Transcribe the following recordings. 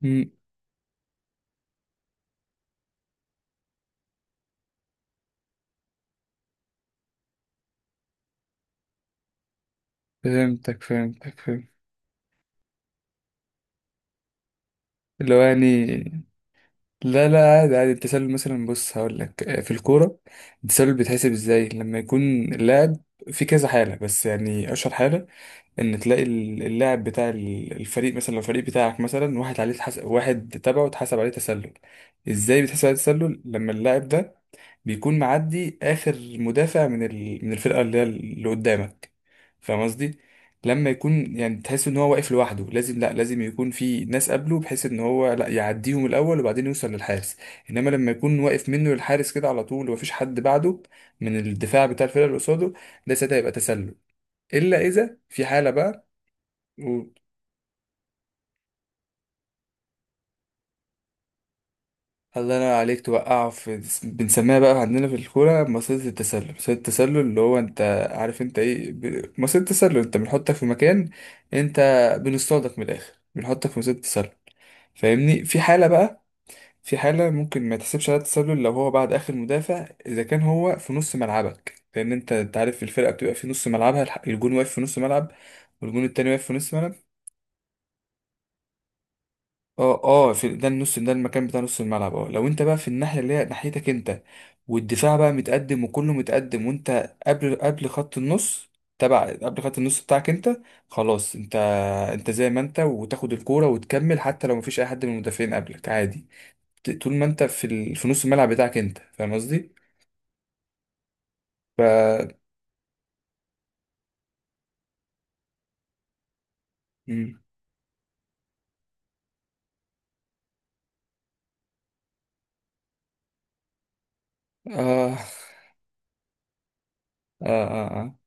مم. فهمت. اللي هو يعني، لا لا، عادي عادي. التسلل مثلا، بص هقول لك، في الكورة التسلل بيتحسب ازاي؟ لما يكون اللاعب في كذا حالة، بس يعني أشهر حالة ان تلاقي اللاعب بتاع الفريق. مثلا لو الفريق بتاعك مثلا واحد عليه واحد تبعه اتحسب عليه تسلل، ازاي بيتحسب عليه تسلل؟ لما اللاعب ده بيكون معدي اخر مدافع من ال... من الفرقه اللي هي اللي قدامك، فاهم قصدي؟ لما يكون يعني تحس ان هو واقف لوحده، لازم لا، لازم يكون في ناس قبله، بحيث ان هو لا يعديهم الاول وبعدين يوصل للحارس. انما لما يكون واقف منه للحارس كده على طول ومفيش حد بعده من الدفاع بتاع الفرقه اللي قصاده، ده ساعتها يبقى تسلل. الا اذا في حاله بقى. قول. الله ينور عليك، توقعه في... بنسميها بقى عندنا في الكورة مصيدة التسلل. مصيدة التسلل اللي هو انت عارف انت ايه مصيدة التسلل، انت بنحطك في مكان. انت بنصطادك من الاخر، بنحطك في مصيدة التسلل. فاهمني؟ في حالة بقى، في حالة ممكن ما تحسبش عليها التسلل لو هو بعد اخر مدافع، اذا كان هو في نص ملعبك. لان انت، عارف الفرقة بتبقى في نص ملعبها، الجون واقف في نص ملعب والجون التاني واقف في نص ملعب. اه اه، في ده النص، ده المكان بتاع نص الملعب. اه لو انت بقى في الناحيه اللي هي ناحيتك انت، والدفاع بقى متقدم وكله متقدم وانت قبل خط النص، تبع قبل خط النص بتاعك انت، خلاص انت، انت زي ما انت وتاخد الكوره وتكمل حتى لو مفيش اي حد من المدافعين قبلك، عادي. طول ما انت في ال... في نص الملعب بتاعك انت، فاهم قصدي؟ ف مم. اه اه اه, آه.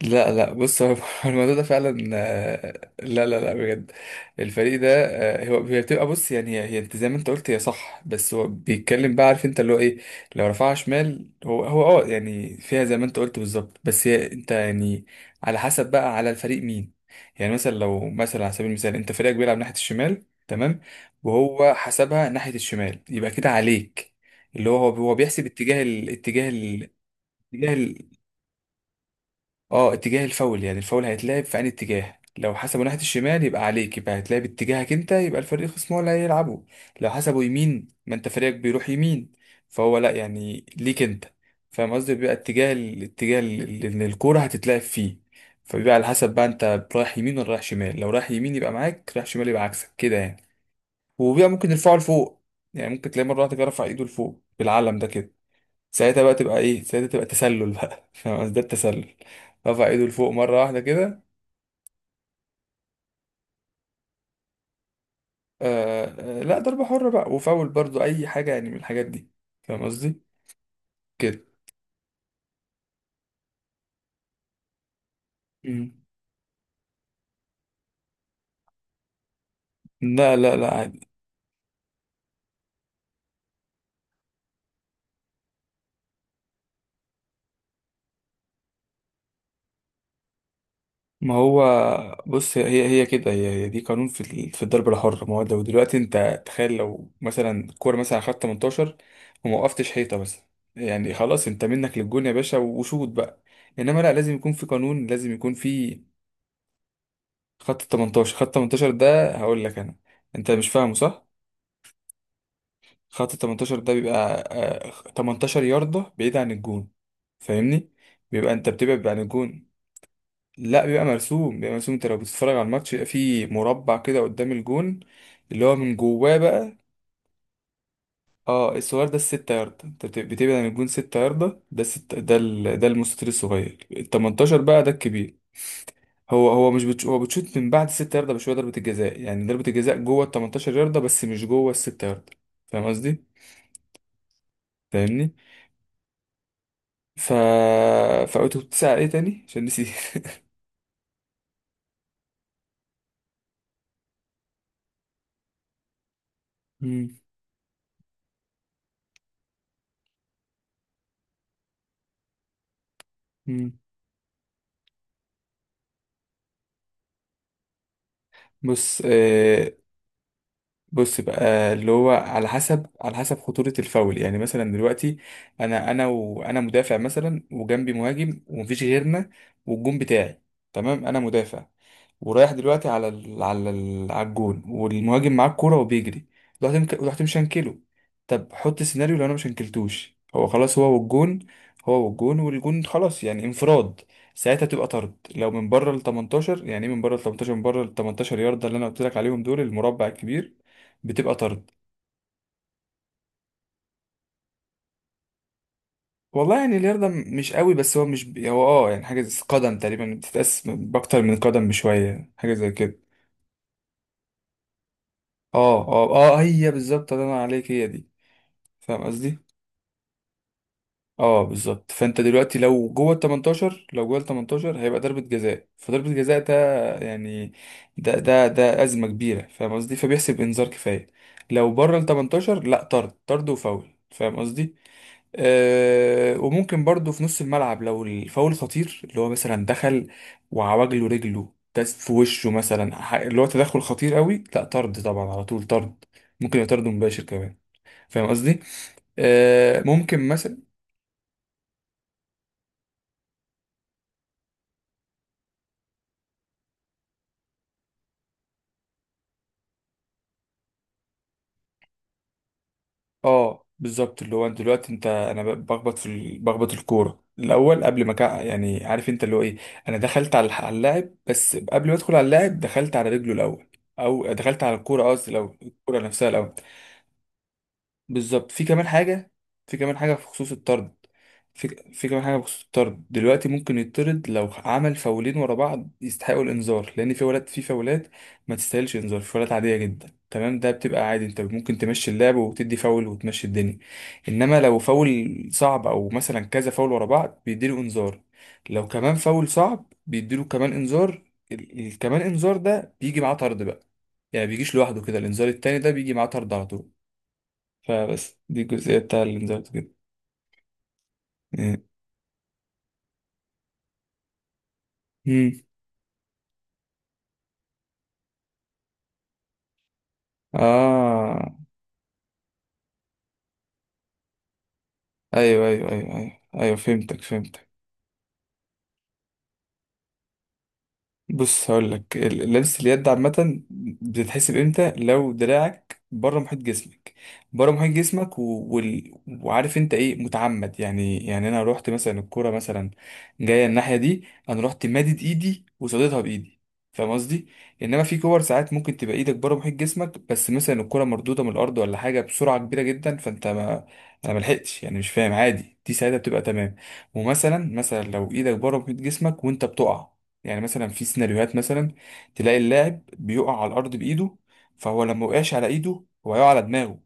لا لا، بص هو الموضوع ده فعلا، لا لا لا، بجد. الفريق ده، هو هي بتبقى، بص يعني هي، انت زي ما انت قلت هي صح، بس هو بيتكلم بقى، عارف انت اللي هو ايه، لو رفعها شمال هو اه يعني فيها زي ما انت قلت بالظبط، بس هي انت يعني على حسب بقى على الفريق مين. يعني مثلا لو مثلا على سبيل المثال، انت فريقك بيلعب ناحية الشمال، تمام، وهو حسبها ناحية الشمال، يبقى كده عليك. اللي هو هو بيحسب اتجاه. الاتجاه، الاتجاه اه اتجاه الفاول، يعني الفاول هيتلعب في انهي اتجاه، لو حسبه ناحية الشمال يبقى عليك، يبقى هيتلعب اتجاهك انت، يبقى الفريق الخصم هو اللي هيلعبه. لو حسبه يمين ما انت فريقك بيروح يمين، فهو لا يعني ليك انت. فاهم قصدي؟ بيبقى اتجاه، الاتجاه اللي الكورة هتتلعب فيه. فبيبقى على حسب بقى، انت رايح يمين ولا رايح شمال؟ لو رايح يمين يبقى معاك، رايح شمال يبقى عكسك كده يعني. وبيبقى ممكن الفاول فوق، يعني ممكن تلاقي مرة واحدة كده رفع ايده لفوق بالعلم ده كده، ساعتها بقى تبقى ايه؟ ساعتها تبقى تسلل بقى فاهم قصدي؟ ده التسلل. رفع ايده لفوق مره واحده كده. آه. آه لا، ضربه حره بقى وفاول برضو اي حاجه يعني من الحاجات دي. فاهم قصدي؟ كده. مم. لا لا لا، عادي. ما هو بص هي هي كده هي, دي قانون في في الضربه الحره. ما هو لو دلوقتي انت تخيل لو مثلا الكوره مثلا خدت 18 وما وقفتش حيطه مثلا، يعني خلاص انت منك للجون يا باشا وشوط بقى. انما لا، لازم يكون في قانون، لازم يكون في خط ال 18. خط 18 ده هقول لك انا، انت مش فاهمه صح؟ خط ال 18 ده بيبقى، 18 ياردة بعيد عن الجون، فاهمني؟ بيبقى انت بتبعد عن الجون. لا بيبقى مرسوم، بيبقى مرسوم، انت لو بتتفرج على الماتش بيبقى فيه مربع كده قدام الجون، اللي هو من جواه بقى. اه الصغير ده الستة ياردة، انت بتبعد عن الجون ستة ياردة، ده الست، ده ال... ده المستطيل الصغير، ال 18 بقى ده الكبير. هو هو مش بتش... هو بتشوت من بعد الست ياردة بشوية، ضربة الجزاء يعني ضربة الجزاء جوه ال 18 ياردة بس مش جوه الست ياردة. فاهم قصدي؟ فاهمني؟ ف فقلت كنت ساعة ايه تاني؟ عشان نسيت. مم. مم. بص آه... بص بقى اللي هو على حسب، على حسب خطورة الفاول. يعني مثلا دلوقتي انا وانا مدافع مثلا وجنبي مهاجم ومفيش غيرنا والجون بتاعي، تمام، انا مدافع ورايح دلوقتي على ال... على ال... على الجون والمهاجم معاه الكورة وبيجري، رحت مك... رحت مشنكله. طب حط سيناريو لو انا مشنكلتوش هو، خلاص هو والجون، والجون خلاص يعني انفراد. ساعتها تبقى طرد لو من بره ال 18. يعني ايه من بره ال 18؟ من بره ال 18 يارده، اللي انا قلت لك عليهم دول المربع الكبير، بتبقى طرد. والله يعني اليردة مش قوي، بس هو مش ب... هو اه يعني حاجة زي قدم تقريبا، بتتقاس بأكتر من قدم بشوية، حاجة زي كده. اه اه اه، هي بالظبط، الله ينور عليك، هي دي. فاهم قصدي؟ اه بالظبط. فانت دلوقتي لو جوه ال 18، لو جوه ال 18 هيبقى ضربة جزاء. فضربة جزاء ده يعني، ده أزمة كبيرة. فاهم قصدي؟ فبيحسب إنذار كفاية. لو بره ال 18 لا، طرد. طرد وفاول. فاهم قصدي؟ وممكن برضو في نص الملعب لو الفاول خطير، اللي هو مثلا دخل وعوجله رجله داس في وشه مثلا، اللي هو تدخل خطير قوي، لا طرد طبعا، على طول طرد. ممكن يبقى طرد مباشر كمان. فاهم قصدي. ممكن مثلا. اه بالظبط، اللي هو انت دلوقتي انت، انا بخبط في بخبط الكوره الاول قبل ما يعني عارف انت اللي هو ايه، انا دخلت على على اللاعب، بس قبل ما ادخل على اللاعب دخلت على رجله الاول، او دخلت على الكوره قصدي الاول، الكوره نفسها الاول. بالظبط. في كمان حاجة. في كمان حاجة في خصوص الطرد. في كمان حاجة بخصوص الطرد. دلوقتي ممكن يطرد لو عمل فاولين ورا بعض يستحقوا الإنذار، لأن في ولاد في فاولات ما تستاهلش إنذار، في فاولات عادية جدا، تمام؟ ده بتبقى عادي، أنت ممكن تمشي اللعب وتدي فاول وتمشي الدنيا. إنما لو فاول صعب، أو مثلا كذا فاول ورا بعض بيديله إنذار، لو كمان فاول صعب بيديله كمان إنذار. كمان إنذار ده بيجي معاه طرد بقى. يعني بيجيش لوحده كده، الإنذار التاني ده بيجي معاه طرد على طول. فبس دي الجزئية بتاع الانذار كده. مم. اه، ايوه، فهمت. بص هقول لك لبس اليد عامة بتتحسب امتى؟ لو دراعك بره محيط جسمك، بره محيط جسمك، و... وال... وعارف انت ايه، متعمد يعني. يعني انا رحت مثلا، الكرة مثلا جاية الناحية دي، انا رحت مادد ايدي وصديتها بايدي. فاهم قصدي؟ انما في كور ساعات ممكن تبقى ايدك بره محيط جسمك، بس مثلا الكرة مردودة من الارض ولا حاجة بسرعة كبيرة جدا، فانت ما، انا ملحقتش يعني مش فاهم، عادي دي ساعتها بتبقى تمام. ومثلا لو ايدك بره محيط جسمك وانت بتقع، يعني مثلا في سيناريوهات، مثلا تلاقي اللاعب بيقع على الارض بايده، فهو لما وقعش على ايده هو يقع على دماغه،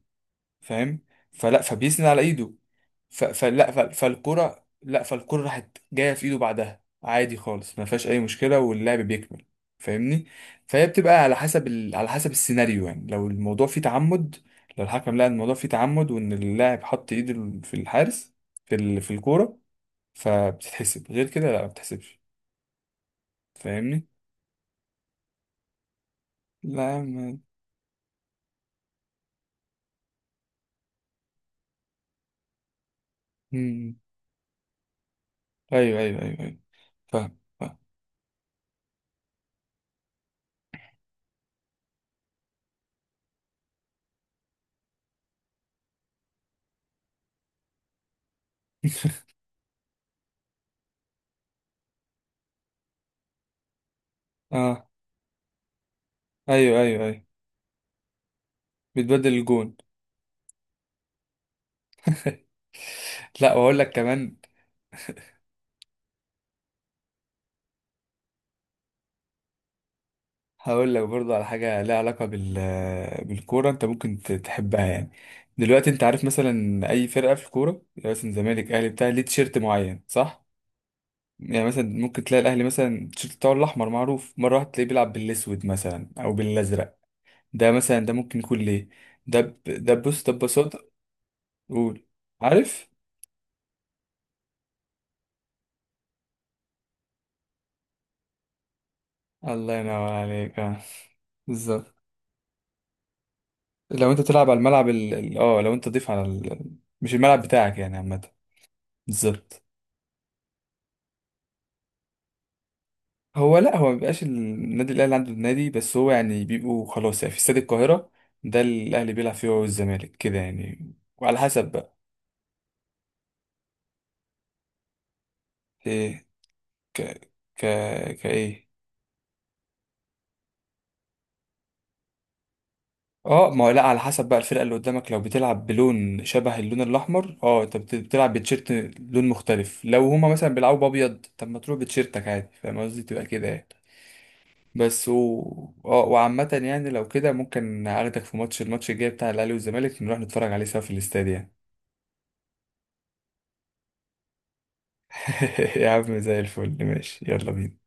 فاهم؟ فلا، فبيسند على ايده. فلا، فالكرة لا، فالكرة راحت جاية في ايده بعدها عادي خالص، ما فيهاش اي مشكلة واللعب بيكمل. فاهمني؟ فهي بتبقى على حسب ال... على حسب السيناريو. يعني لو الموضوع فيه تعمد، لو الحكم لقى إن الموضوع فيه تعمد وان اللاعب حط ايده في الحارس في ال... في الكورة، فبتتحسب. غير كده لا، ما بتتحسبش. فاهمني؟ لا. مم. ايوه، فاهم فاهم. اه، ايوه، بتبدل الجون. لا، واقول لك كمان، هقول لك برضو على حاجه ليها علاقه بال، بالكوره انت ممكن تحبها يعني. دلوقتي انت عارف مثلا اي فرقه في الكوره يعني، مثلا زمالك، اهلي، بتاع ليه تيشيرت معين صح؟ يعني مثلا ممكن تلاقي الاهلي مثلا التيشيرت بتاعه الاحمر معروف، مره واحده تلاقيه بيلعب بالاسود مثلا او بالازرق. ده مثلا ده ممكن يكون ليه. ده بص، ده ببساطه. قول. عارف الله ينور عليك، اه بالظبط. لو انت تلعب على الملعب ال... اه لو انت تضيف على ال... مش الملعب بتاعك يعني عامة. بالظبط. هو لا، هو ما بيبقاش النادي الاهلي عنده النادي بس، هو يعني بيبقوا خلاص يعني في استاد القاهرة، ده الاهلي بيلعب فيه هو والزمالك كده يعني، وعلى حسب بقى. ايه. ك ك كايه. اه ما هو لا، على حسب بقى الفرقة اللي قدامك، لو بتلعب بلون شبه اللون الاحمر اه انت بتلعب بتيشيرت لون مختلف. لو هما مثلا بيلعبوا بابيض، طب ما تروح بتيشيرتك عادي، فاهم قصدي؟ تبقى كده يعني. بس و... اه وعامة يعني، لو كده ممكن اخدك في ماتش، الماتش الجاي بتاع الاهلي والزمالك نروح نتفرج عليه سوا في الاستاد يعني. يا عم زي الفل، ماشي، يلا بينا.